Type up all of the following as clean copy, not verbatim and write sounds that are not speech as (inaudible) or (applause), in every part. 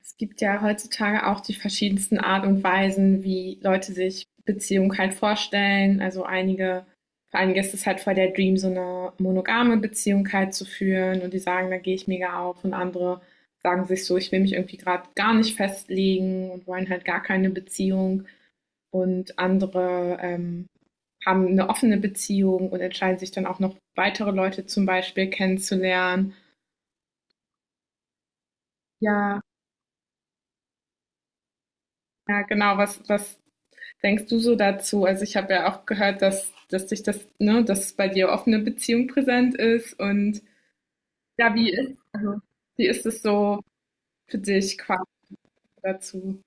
Es gibt ja heutzutage auch die verschiedensten Art und Weisen, wie Leute sich Beziehung halt vorstellen. Also einige, für einige ist es halt voll der Dream, so eine monogame Beziehung halt zu führen und die sagen, da gehe ich mega auf, und andere sagen sich so, ich will mich irgendwie gerade gar nicht festlegen und wollen halt gar keine Beziehung, und andere haben eine offene Beziehung und entscheiden sich dann auch noch weitere Leute zum Beispiel kennenzulernen. Ja, ja, genau, was denkst du so dazu? Also ich habe ja auch gehört, dass dich das, ne, dass bei dir offene Beziehung präsent ist. Und ja, wie ist, also, wie ist es so für dich quasi dazu?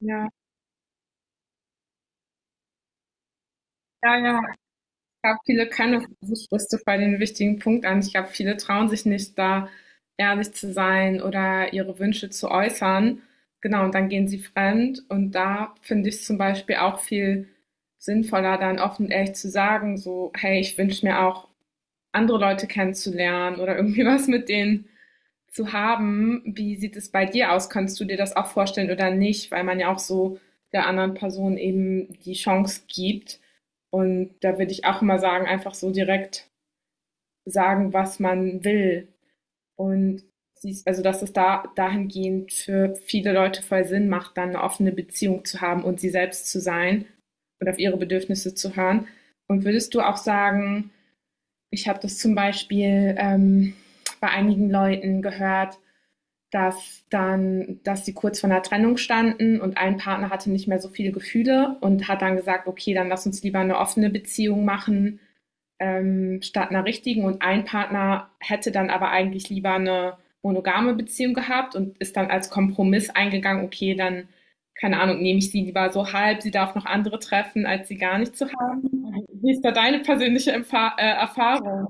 Ja, ja, ja. Ich glaube, viele können das, das sprichst du bei den wichtigen Punkt an. Ich glaube, viele trauen sich nicht, da ehrlich zu sein oder ihre Wünsche zu äußern. Genau, und dann gehen sie fremd. Und da finde ich es zum Beispiel auch viel sinnvoller, dann offen und ehrlich zu sagen, so, hey, ich wünsche mir auch andere Leute kennenzulernen oder irgendwie (laughs) was mit denen zu haben. Wie sieht es bei dir aus? Kannst du dir das auch vorstellen oder nicht? Weil man ja auch so der anderen Person eben die Chance gibt. Und da würde ich auch immer sagen, einfach so direkt sagen, was man will. Und siehst, also dass es da dahingehend für viele Leute voll Sinn macht, dann eine offene Beziehung zu haben und sie selbst zu sein und auf ihre Bedürfnisse zu hören. Und würdest du auch sagen, ich habe das zum Beispiel bei einigen Leuten gehört, dass dann, dass sie kurz vor einer Trennung standen und ein Partner hatte nicht mehr so viele Gefühle und hat dann gesagt, okay, dann lass uns lieber eine offene Beziehung machen, statt einer richtigen. Und ein Partner hätte dann aber eigentlich lieber eine monogame Beziehung gehabt und ist dann als Kompromiss eingegangen, okay, dann, keine Ahnung, nehme ich sie lieber so halb, sie darf noch andere treffen, als sie gar nicht zu haben. Wie ist da deine persönliche Erfahrung?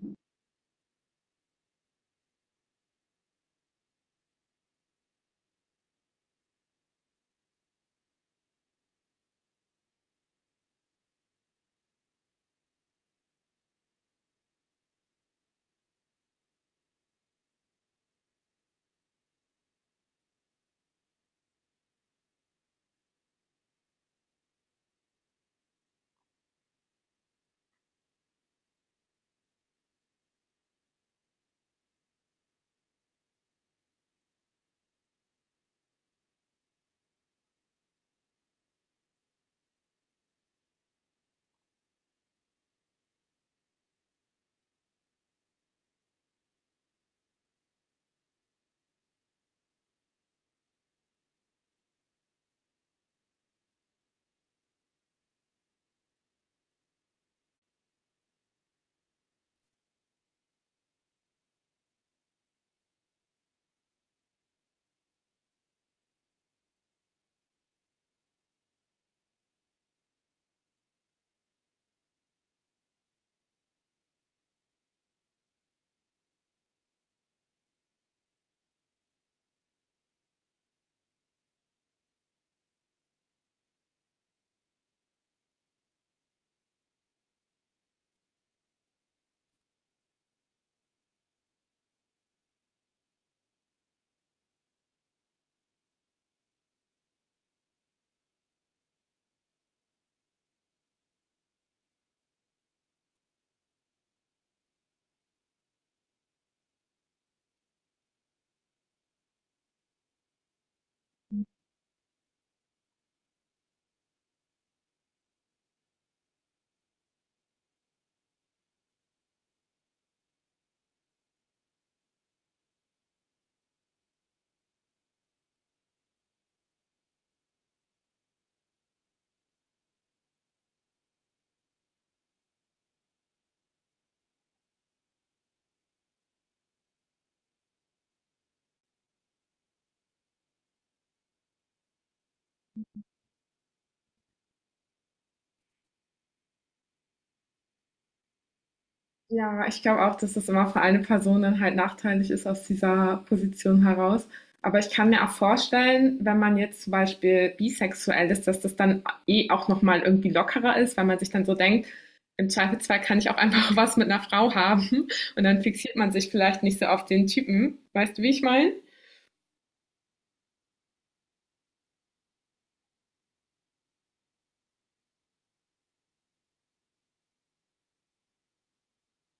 Ja, ich glaube auch, dass es immer für eine Person dann halt nachteilig ist aus dieser Position heraus. Aber ich kann mir auch vorstellen, wenn man jetzt zum Beispiel bisexuell ist, dass das dann eh auch nochmal irgendwie lockerer ist, weil man sich dann so denkt, im Zweifelsfall kann ich auch einfach (laughs) was mit einer Frau haben und dann fixiert man sich vielleicht nicht so auf den Typen. Weißt du, wie ich meine?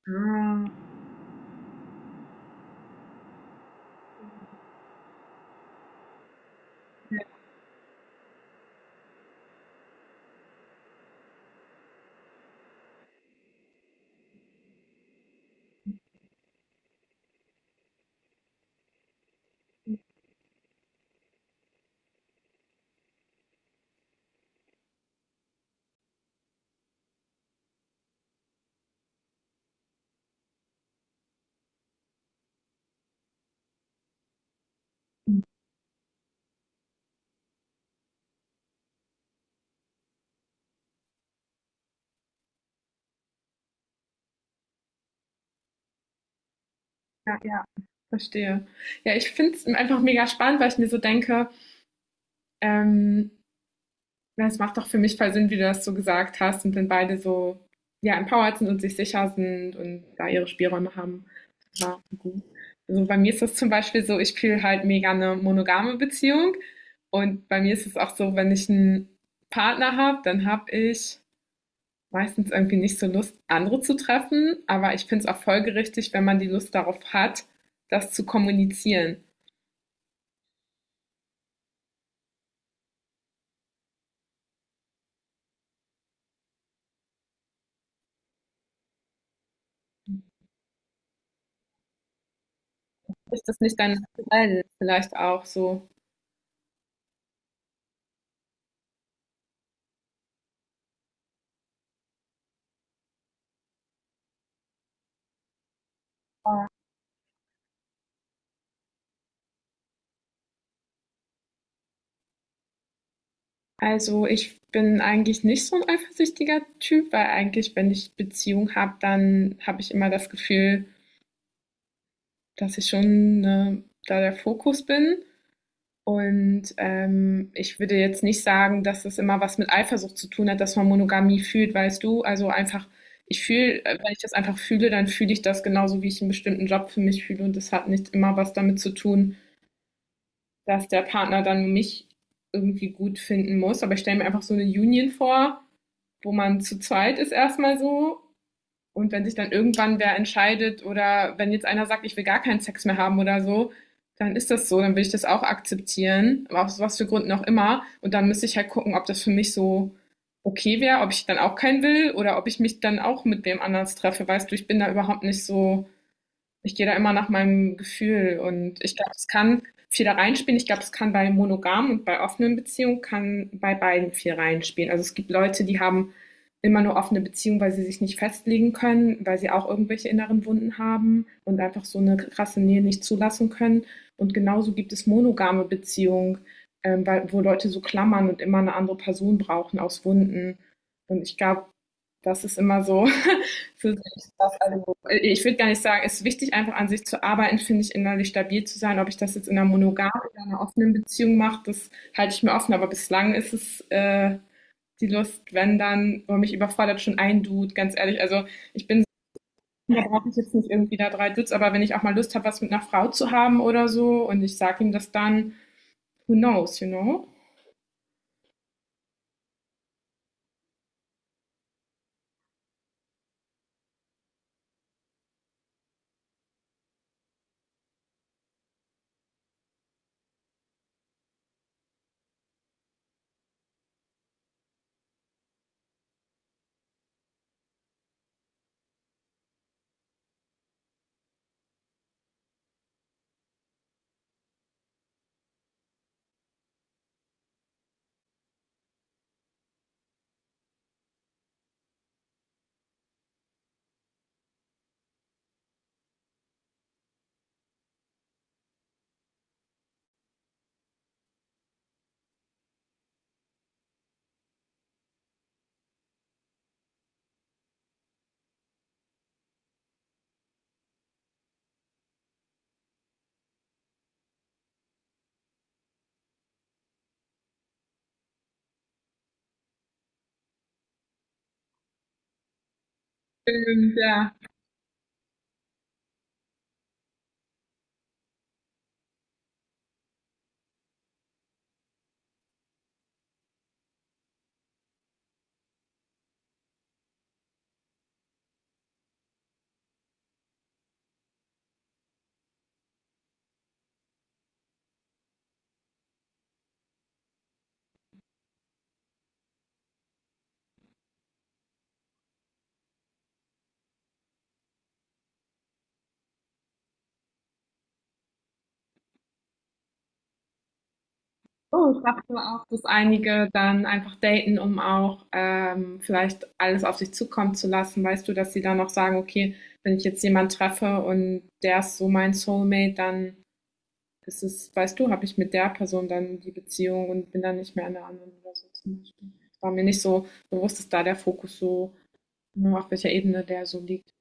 Ah, ja, ja. Verstehe. Ja, ich finde es einfach mega spannend, weil ich mir so denke, ähm, das macht doch für mich voll Sinn, wie du das so gesagt hast, und wenn beide so ja, empowered sind und sich sicher sind und da ihre Spielräume haben. Ja, gut. Also bei mir ist das zum Beispiel so, ich fühle halt mega eine monogame Beziehung. Und bei mir ist es auch so, wenn ich einen Partner habe, dann habe ich meistens irgendwie nicht so Lust, andere zu treffen. Aber ich finde es auch folgerichtig, wenn man die Lust darauf hat, das zu kommunizieren. Ist das nicht dann vielleicht auch so? Also, ich bin eigentlich nicht so ein eifersüchtiger Typ, weil eigentlich, wenn ich Beziehung habe, dann habe ich immer das Gefühl, dass ich schon, ne, da der Fokus bin. Und, ich würde jetzt nicht sagen, dass es immer was mit Eifersucht zu tun hat, dass man Monogamie fühlt, weißt du? Also, einfach ich fühle wenn ich das einfach fühle, dann fühle ich das genauso, wie ich einen bestimmten Job für mich fühle, und das hat nicht immer was damit zu tun, dass der Partner dann mich irgendwie gut finden muss. Aber ich stelle mir einfach so eine Union vor, wo man zu zweit ist erstmal so. Und wenn sich dann irgendwann wer entscheidet oder wenn jetzt einer sagt, ich will gar keinen Sex mehr haben oder so, dann ist das so, dann will ich das auch akzeptieren, aber aus was für Gründen auch immer. Und dann müsste ich halt gucken, ob das für mich so okay wäre, ob ich dann auch keinen will oder ob ich mich dann auch mit wem anders treffe. Weißt du, ich bin da überhaupt nicht so, ich gehe da immer nach meinem Gefühl, und ich glaube, es kann viel da reinspielen. Ich glaube, es kann bei monogamen und bei offenen Beziehungen kann bei beiden viel reinspielen. Also es gibt Leute, die haben immer nur offene Beziehungen, weil sie sich nicht festlegen können, weil sie auch irgendwelche inneren Wunden haben und einfach so eine krasse Nähe nicht zulassen können. Und genauso gibt es monogame Beziehungen, weil, wo Leute so klammern und immer eine andere Person brauchen aus Wunden. Und ich glaube, das ist immer so (laughs) für sich. Das, also, ich würde gar nicht sagen, es ist wichtig, einfach an sich zu arbeiten, finde ich, innerlich stabil zu sein. Ob ich das jetzt in einer monogamen oder einer offenen Beziehung mache, das halte ich mir offen. Aber bislang ist es die Lust, wenn dann, wo mich überfordert schon ein Dude, ganz ehrlich. Also ich bin so, da brauche ich jetzt nicht irgendwie da drei Dudes, aber wenn ich auch mal Lust habe, was mit einer Frau zu haben oder so und ich sage ihm das dann, who knows, you know? Und, ja, oh, ich dachte auch, dass einige dann einfach daten, um auch vielleicht alles auf sich zukommen zu lassen. Weißt du, dass sie dann auch sagen, okay, wenn ich jetzt jemanden treffe und der ist so mein Soulmate, dann ist es, weißt du, habe ich mit der Person dann die Beziehung und bin dann nicht mehr in der anderen oder so zum Beispiel. War mir nicht so bewusst, dass da der Fokus so, ne, auf welcher Ebene der so liegt.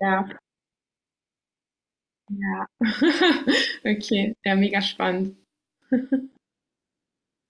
Ja, ja. (laughs) Okay, ja, mega spannend.